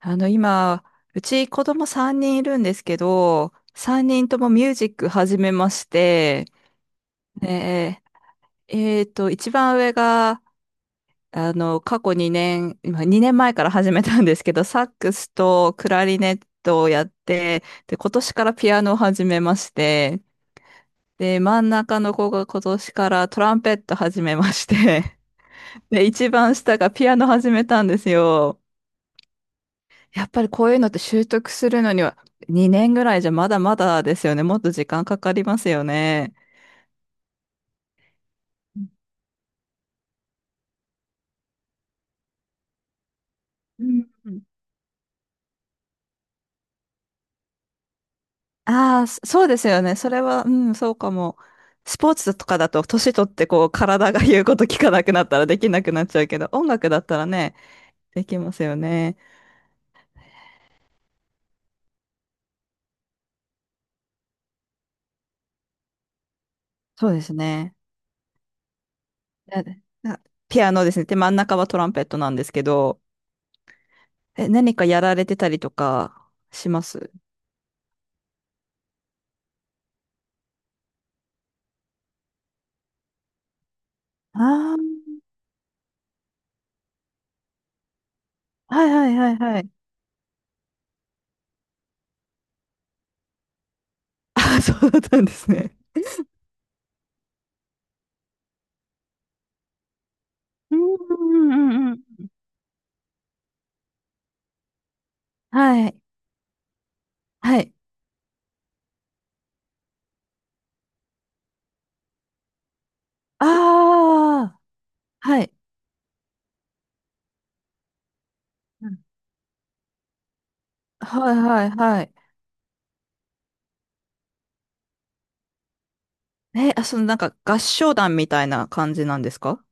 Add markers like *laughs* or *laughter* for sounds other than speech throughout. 今、うち子供3人いるんですけど、3人ともミュージック始めまして、ええーと、一番上が、過去2年、今2年前から始めたんですけど、サックスとクラリネットをやって、で、今年からピアノを始めまして、で、真ん中の子が今年からトランペット始めまして、*laughs* で、一番下がピアノ始めたんですよ。やっぱりこういうのって習得するのには2年ぐらいじゃまだまだですよね。もっと時間かかりますよね。うんうん、ああ、そうですよね。それは、うん、そうかも。スポーツとかだと、年取ってこう、体が言うこと聞かなくなったらできなくなっちゃうけど、音楽だったらね、できますよね。そうですね。ああ、ピアノですね。で、真ん中はトランペットなんですけど、何かやられてたりとかします？ああー、はいはいはいはい。あ、そうだったんですね。うんうんうんうん。はい。はい。ああ、はい。うん、はいはいはい。合唱団みたいな感じなんですか？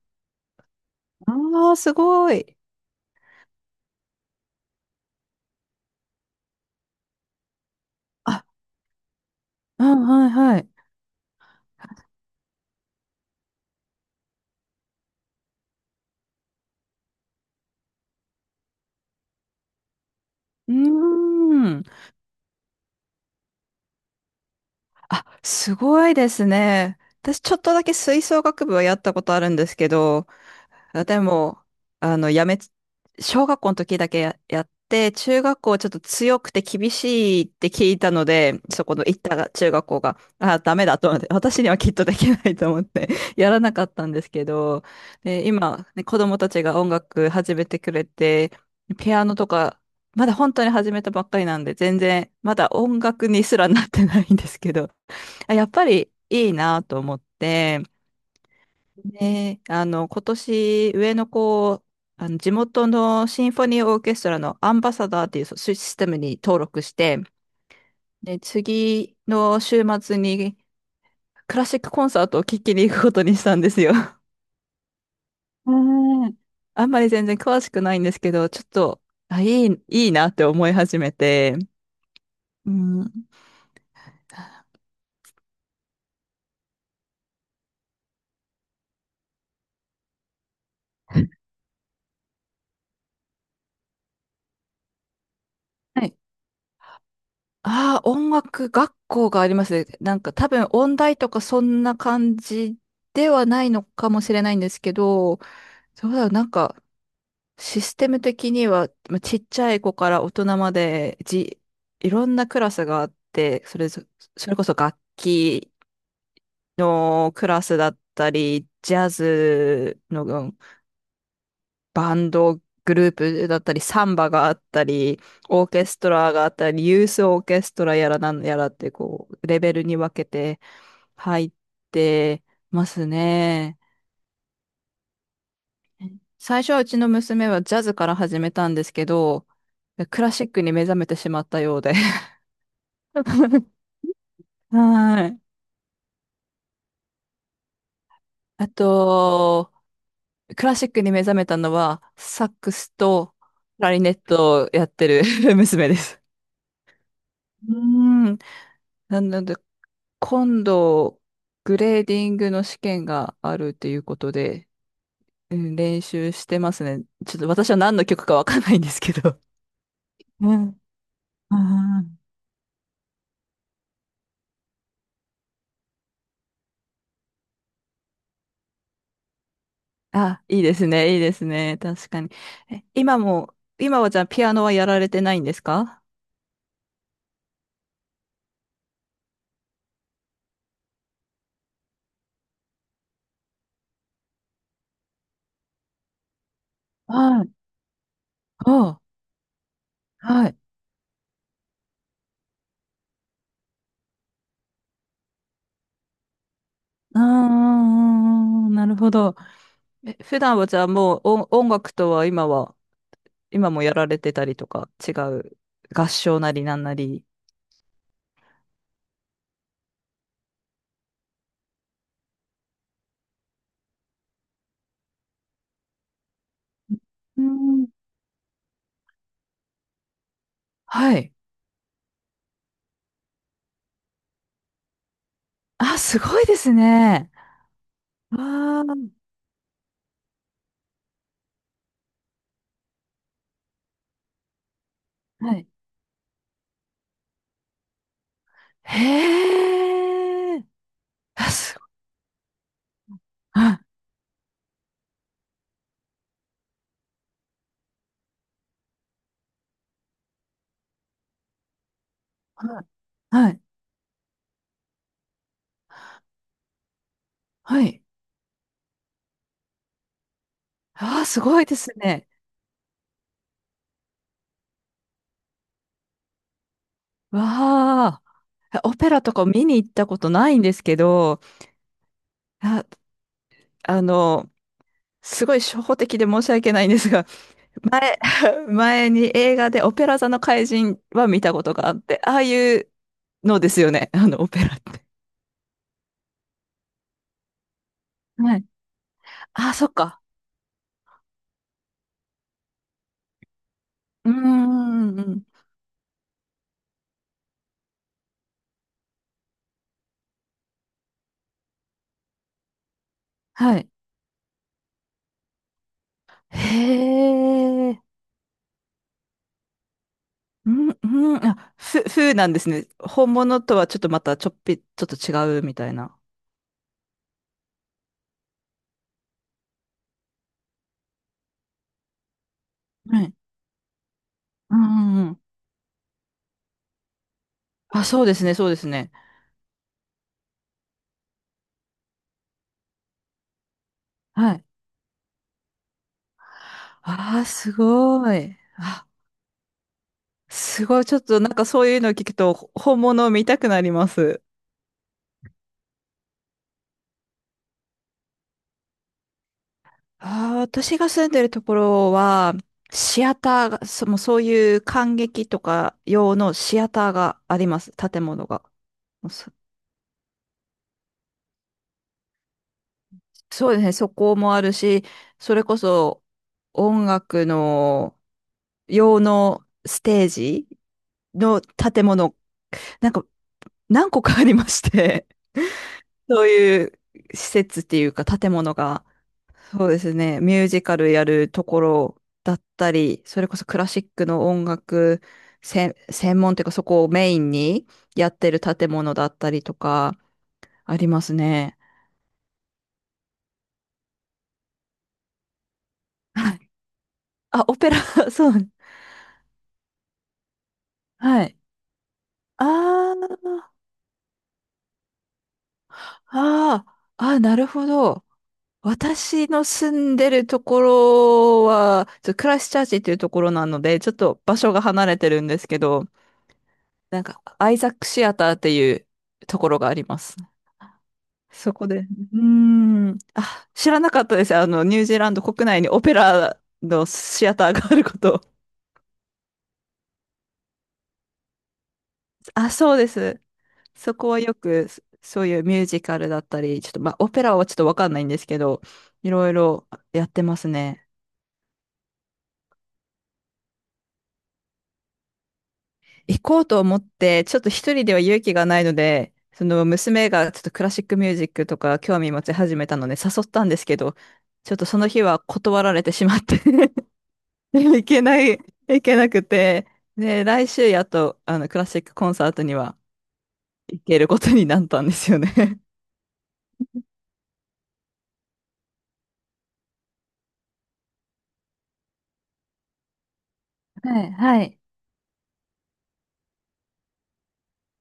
ああー、すごい。あ、うん、はいはい。うーん。あ、すごいですね。私ちょっとだけ吹奏楽部はやったことあるんですけど、あでも、やめつ、小学校の時だけやって、中学校ちょっと強くて厳しいって聞いたので、そこの行った中学校が、あ、ダメだと思って、私にはきっとできないと思って *laughs* やらなかったんですけど、で、今、ね、子供たちが音楽始めてくれて、ピアノとか、まだ本当に始めたばっかりなんで、全然、まだ音楽にすらなってないんですけど、あ、やっぱりいいなと思って、ね、今年、上の子を、地元のシンフォニーオーケストラのアンバサダーっていうそうシステムに登録して、で、次の週末にクラシックコンサートを聴きに行くことにしたんですよ。*laughs* うん。*laughs* あんまり全然詳しくないんですけど、ちょっと、あ、いいなって思い始めて、うん。はい。ああ、音楽学校がありますね。なんか多分音大とかそんな感じではないのかもしれないんですけど、そうだ、なんか、システム的には、まあちっちゃい子から大人まで、いろんなクラスがあって、それこそ楽器のクラスだったり、ジャズのバンドグループだったり、サンバがあったり、オーケストラがあったり、ユースオーケストラやらなんやらって、こう、レベルに分けて入ってますね。最初はうちの娘はジャズから始めたんですけど、クラシックに目覚めてしまったようで。*laughs* はい。あと、クラシックに目覚めたのは、サックスとクラリネットをやってる *laughs* 娘です。うーん。なので、今度、グレーディングの試験があるっていうことで、うん、練習してますね。ちょっと私は何の曲かわかんないんですけど。うん。あーあ、いいですね、いいですね。確かに。今はじゃあピアノはやられてないんですか？はい。ああ、はい。ああ、なるほど。普段はじゃあもう音楽とは今もやられてたりとか、違う合唱なりなんなり。うん。はい。あ、すごいですね。わあ、はい。へえ。あ、すごい。はい。はい。はい。はい。ああ、すごいですね。わあ。オペラとかを見に行ったことないんですけど、あ、あの、すごい初歩的で申し訳ないんですが、前、*laughs* 前に映画でオペラ座の怪人は見たことがあって、ああいうのですよね、*laughs* あのオペラって。はい。あ、そっか。うーん、うん、うん、はい。へえ。うん、うん、あ、風なんですね。本物とはちょっとまたちょっと違うみたいな。はい。うん、うんうん。あ、そうですね、そうですね。はい。ああ、すごい。あ、すごい。ちょっとなんかそういうのを聞くと、本物を見たくなります。ああ、私が住んでるところは、シアターが、もうそういう観劇とか用のシアターがあります。建物が。もうそうですね。そこもあるし、それこそ音楽の用のステージの建物、なんか何個かありまして、*laughs* そういう施設っていうか建物が。そうですね。ミュージカルやるところだったり、それこそクラシックの音楽専門っていうかそこをメインにやってる建物だったりとかありますね。はい。あ、オペラ、*laughs* そう。はい。あーあー、あー、なるほど。私の住んでるところは、ちょっとクライストチャーチっていうところなので、ちょっと場所が離れてるんですけど、なんか、アイザックシアターっていうところがあります。そこで、うーん。あ、知らなかったです。ニュージーランド国内にオペラのシアターがあること。*laughs* あ、そうです。そこはよく、そういうミュージカルだったり、ちょっと、まあ、オペラはちょっとわかんないんですけど、いろいろやってますね。行こうと思って、ちょっと一人では勇気がないので、その娘がちょっとクラシックミュージックとか興味持ち始めたので誘ったんですけど、ちょっとその日は断られてしまって *laughs* でも行けなくて、で、来週やっと、クラシックコンサートには行けることになったんですよね。*laughs* はい、はい。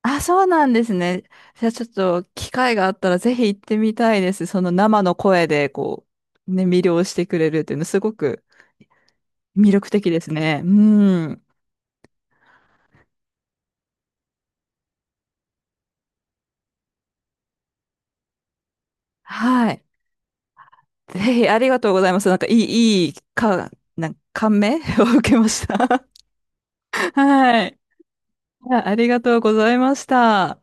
あ、そうなんですね。じゃあちょっと機会があったらぜひ行ってみたいです。その生の声でこう、ね、魅了してくれるっていうのすごく魅力的ですね。うん。はい。ぜひありがとうございます。なんかいい、いい、か、なんか感銘 *laughs* を受けました。*laughs* はい。ありがとうございました。